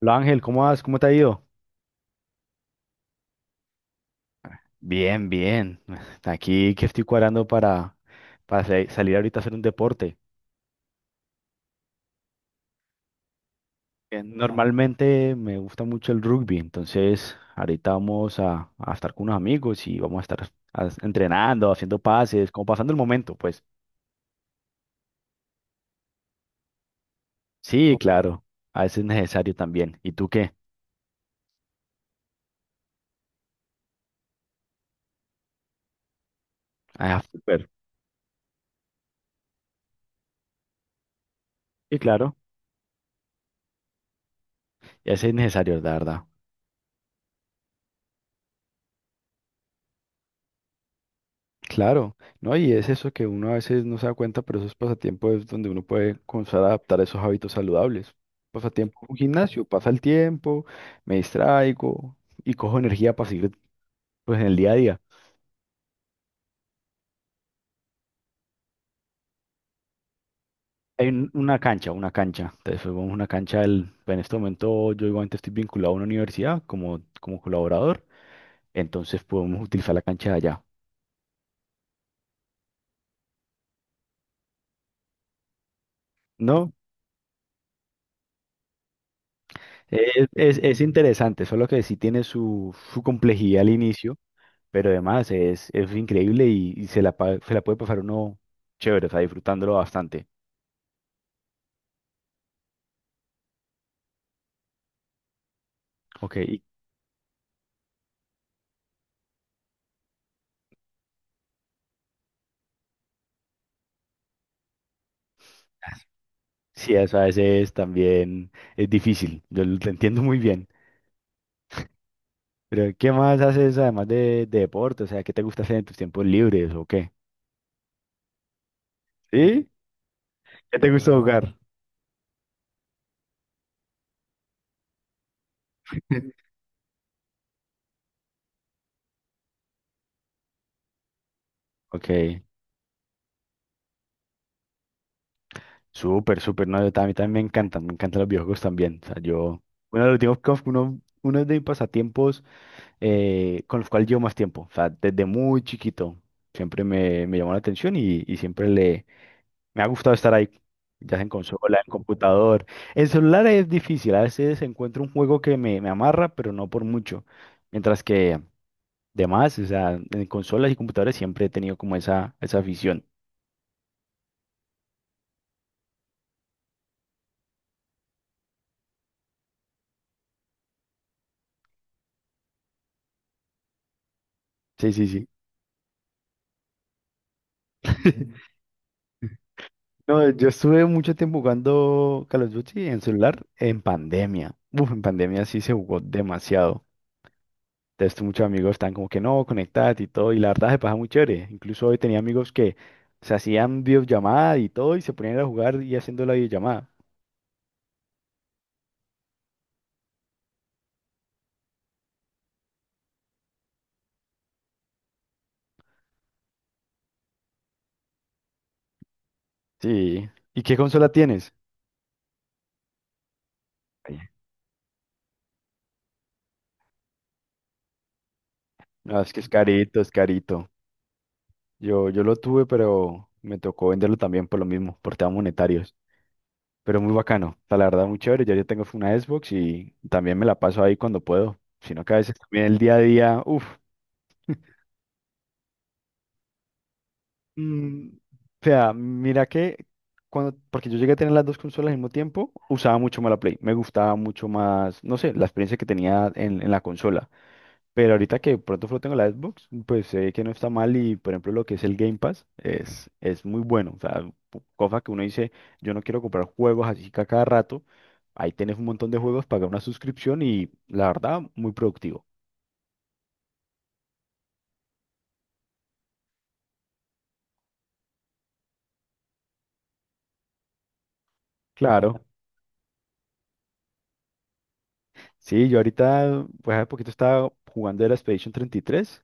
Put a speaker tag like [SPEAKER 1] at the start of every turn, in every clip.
[SPEAKER 1] Hola Ángel, ¿cómo vas? ¿Cómo te ha ido? Bien, bien. Aquí que estoy cuadrando para, salir ahorita a hacer un deporte. Bien. Normalmente me gusta mucho el rugby, entonces ahorita vamos a estar con unos amigos y vamos a estar entrenando, haciendo pases, como pasando el momento, pues. Sí, claro, a veces es necesario también. ¿Y tú qué? Ah, súper. Sí, claro, y a veces es necesario, la verdad. Claro, ¿no? Y es eso que uno a veces no se da cuenta, pero esos pasatiempos es donde uno puede comenzar a adaptar esos hábitos saludables. Pasatiempo, un gimnasio, pasa el tiempo, me distraigo y cojo energía para seguir pues en el día a día. Hay una cancha, entonces pues, vamos a una cancha, en este momento yo igualmente estoy vinculado a una universidad como colaborador, entonces podemos utilizar la cancha de allá, ¿no? Es interesante, solo que sí tiene su complejidad al inicio. Pero además es increíble y, se la puede pasar uno chévere, o sea, disfrutándolo bastante. Ok. Y sí, eso a veces también es difícil, yo lo te entiendo muy bien. Pero ¿qué más haces además de deporte? O sea, ¿qué te gusta hacer en tus tiempos libres o qué? ¿Sí? ¿Qué te gusta... Sí. ..jugar? Ok, súper, súper. No, a mí también me encantan los videojuegos también, o sea, yo, uno de los últimos, uno de mis pasatiempos con los cuales llevo más tiempo. O sea, desde muy chiquito siempre me llamó la atención y siempre le, me ha gustado estar ahí, ya sea en consola, en computador. En celular es difícil, a veces encuentro un juego que me amarra, pero no por mucho. Mientras que demás, o sea, en consolas y computadores siempre he tenido como esa afición. Sí, sí, sí. No, yo estuve mucho tiempo jugando Call of Duty en celular en pandemia. Uf, en pandemia sí se jugó demasiado. Entonces, muchos amigos están como que no, conectadas y todo, y la verdad se pasa muy chévere. Incluso hoy tenía amigos que se hacían videollamada y todo, y se ponían a jugar y haciendo la videollamada. Sí. ¿Y qué consola tienes? Ay. No, es que es carito, es carito. Yo lo tuve, pero me tocó venderlo también por lo mismo, por temas monetarios. Pero muy bacano, o sea, la verdad muy chévere. Ya yo tengo una Xbox y también me la paso ahí cuando puedo. Sino que a veces también el día a día, uff. Mm, o sea, mira que cuando, porque yo llegué a tener las dos consolas al mismo tiempo, usaba mucho más la Play. Me gustaba mucho más, no sé, la experiencia que tenía en la consola. Pero ahorita que pronto solo tengo la Xbox, pues sé que no está mal y, por ejemplo, lo que es el Game Pass es muy bueno. O sea, cosa que uno dice, yo no quiero comprar juegos así que a cada rato. Ahí tenés un montón de juegos, pagar una suscripción y la verdad, muy productivo. Claro. Sí, yo ahorita, pues hace poquito estaba jugando el Expedition 33,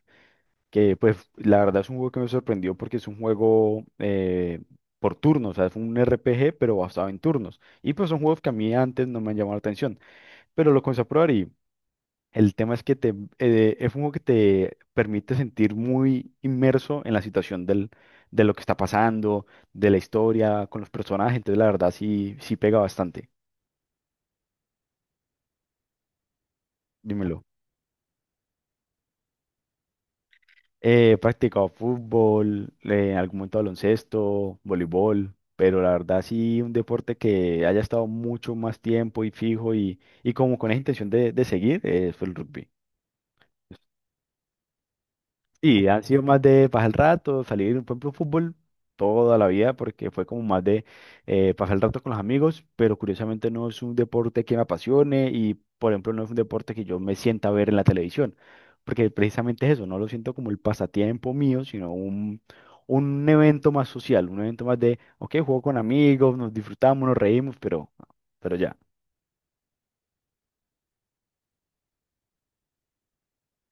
[SPEAKER 1] que pues la verdad es un juego que me sorprendió porque es un juego por turnos, o sea, es un RPG pero basado en turnos. Y pues son juegos que a mí antes no me han llamado la atención, pero lo comencé a probar y el tema es que te, es un juego que te permite sentir muy inmerso en la situación del, de lo que está pasando, de la historia, con los personajes, entonces la verdad sí, sí pega bastante. Dímelo. He practicado fútbol, en algún momento baloncesto, voleibol, pero la verdad sí un deporte que haya estado mucho más tiempo y fijo y como con esa intención de seguir, fue el rugby. Y han sido más de pasar el rato, salir, por ejemplo, fútbol toda la vida, porque fue como más de pasar el rato con los amigos, pero curiosamente no es un deporte que me apasione y, por ejemplo, no es un deporte que yo me sienta a ver en la televisión, porque precisamente es eso, no lo siento como el pasatiempo mío, un evento más social, un evento más de, ok, juego con amigos, nos disfrutamos, nos reímos, pero ya.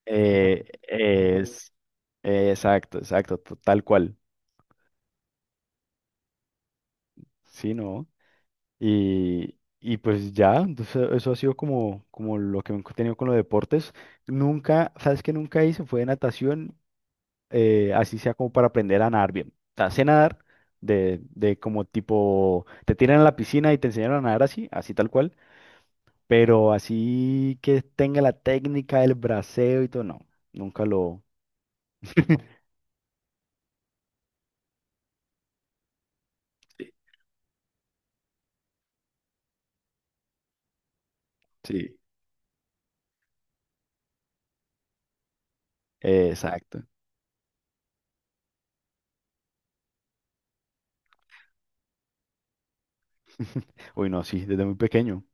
[SPEAKER 1] Eh, es, exacto, tal cual, sí, ¿no? Y pues ya, entonces eso ha sido como, como lo que he tenido con los deportes. Nunca, ¿sabes qué nunca hice? Fue natación, así sea como para aprender a nadar bien. O sea, sé nadar de como tipo, te tiran a la piscina y te enseñaron a nadar así, así tal cual, pero así que tenga la técnica del braceo y todo, no, nunca lo... Sí. Sí. Exacto. Uy, no, sí, desde muy pequeño.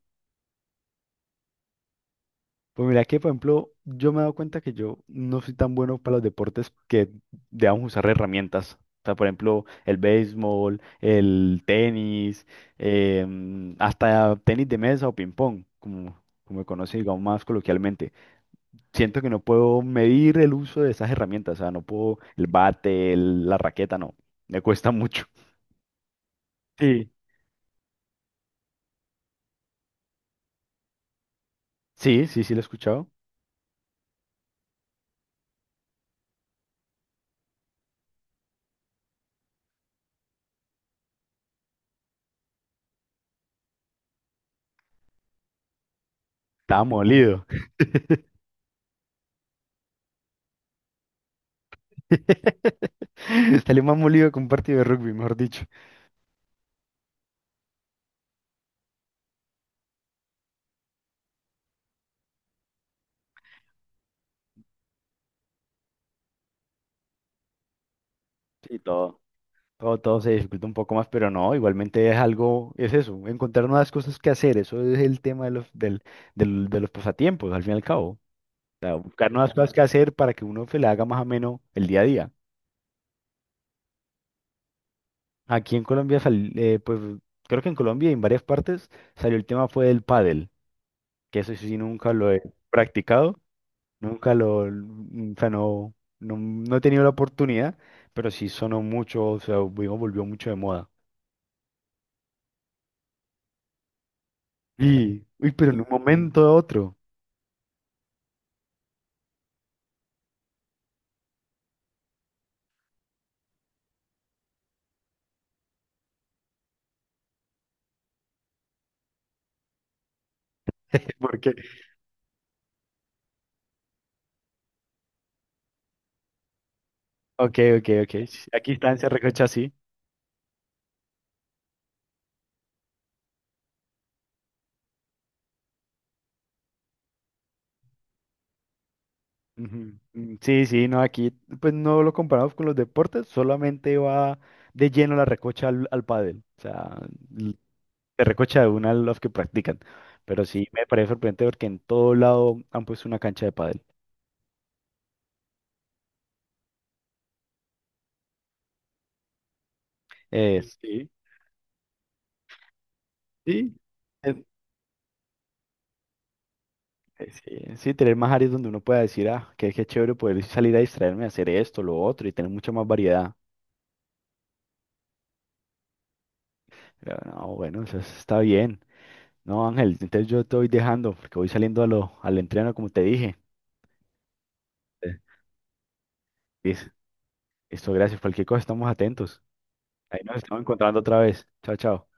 [SPEAKER 1] Pues mira que, por ejemplo, yo me he dado cuenta que yo no soy tan bueno para los deportes que debamos usar herramientas. O sea, por ejemplo, el béisbol, el tenis, hasta tenis de mesa o ping-pong, como, como me conoce, digamos, más coloquialmente. Siento que no puedo medir el uso de esas herramientas, o sea, no puedo el bate, la raqueta, no. Me cuesta mucho. Sí. Sí, sí, sí, lo he escuchado. Estaba molido. Salí más molido que un partido de rugby, mejor dicho. Sí, todo. Todo, todo se dificulta un poco más, pero no, igualmente es algo, es eso, encontrar nuevas cosas que hacer, eso es el tema de los, de los pasatiempos, al fin y al cabo. O sea, buscar nuevas cosas que hacer para que uno se le haga más ameno el día a día. Aquí en Colombia, pues creo que en Colombia y en varias partes salió el tema fue del pádel, que eso sí nunca lo he practicado, nunca lo, mm, o sea, no, no he tenido la oportunidad, pero sí sonó mucho, o sea, volvió mucho de moda. Y, uy, pero en un momento a otro. Porque, ok, ok, ok. Sí, aquí están, se recocha sí. Ujú. Sí, sí, no, aquí pues no lo comparamos con los deportes, solamente va de lleno la recocha al pádel. O sea, l- se recocha de una a los que practican. Pero sí me parece sorprendente porque en todo lado han puesto una cancha de pádel. Eh, sí, sí, eh, sí, sí, tener más áreas donde uno pueda decir, ah, qué chévere poder salir a distraerme, hacer esto, lo otro y tener mucha más variedad. Pero, no, bueno, eso está bien. No, Ángel, entonces yo te voy dejando porque voy saliendo a lo, al entreno, como te dije. Eh, Listo, listo, gracias. Cualquier cosa, estamos atentos. Ahí nos estamos encontrando otra vez. Chao, chao.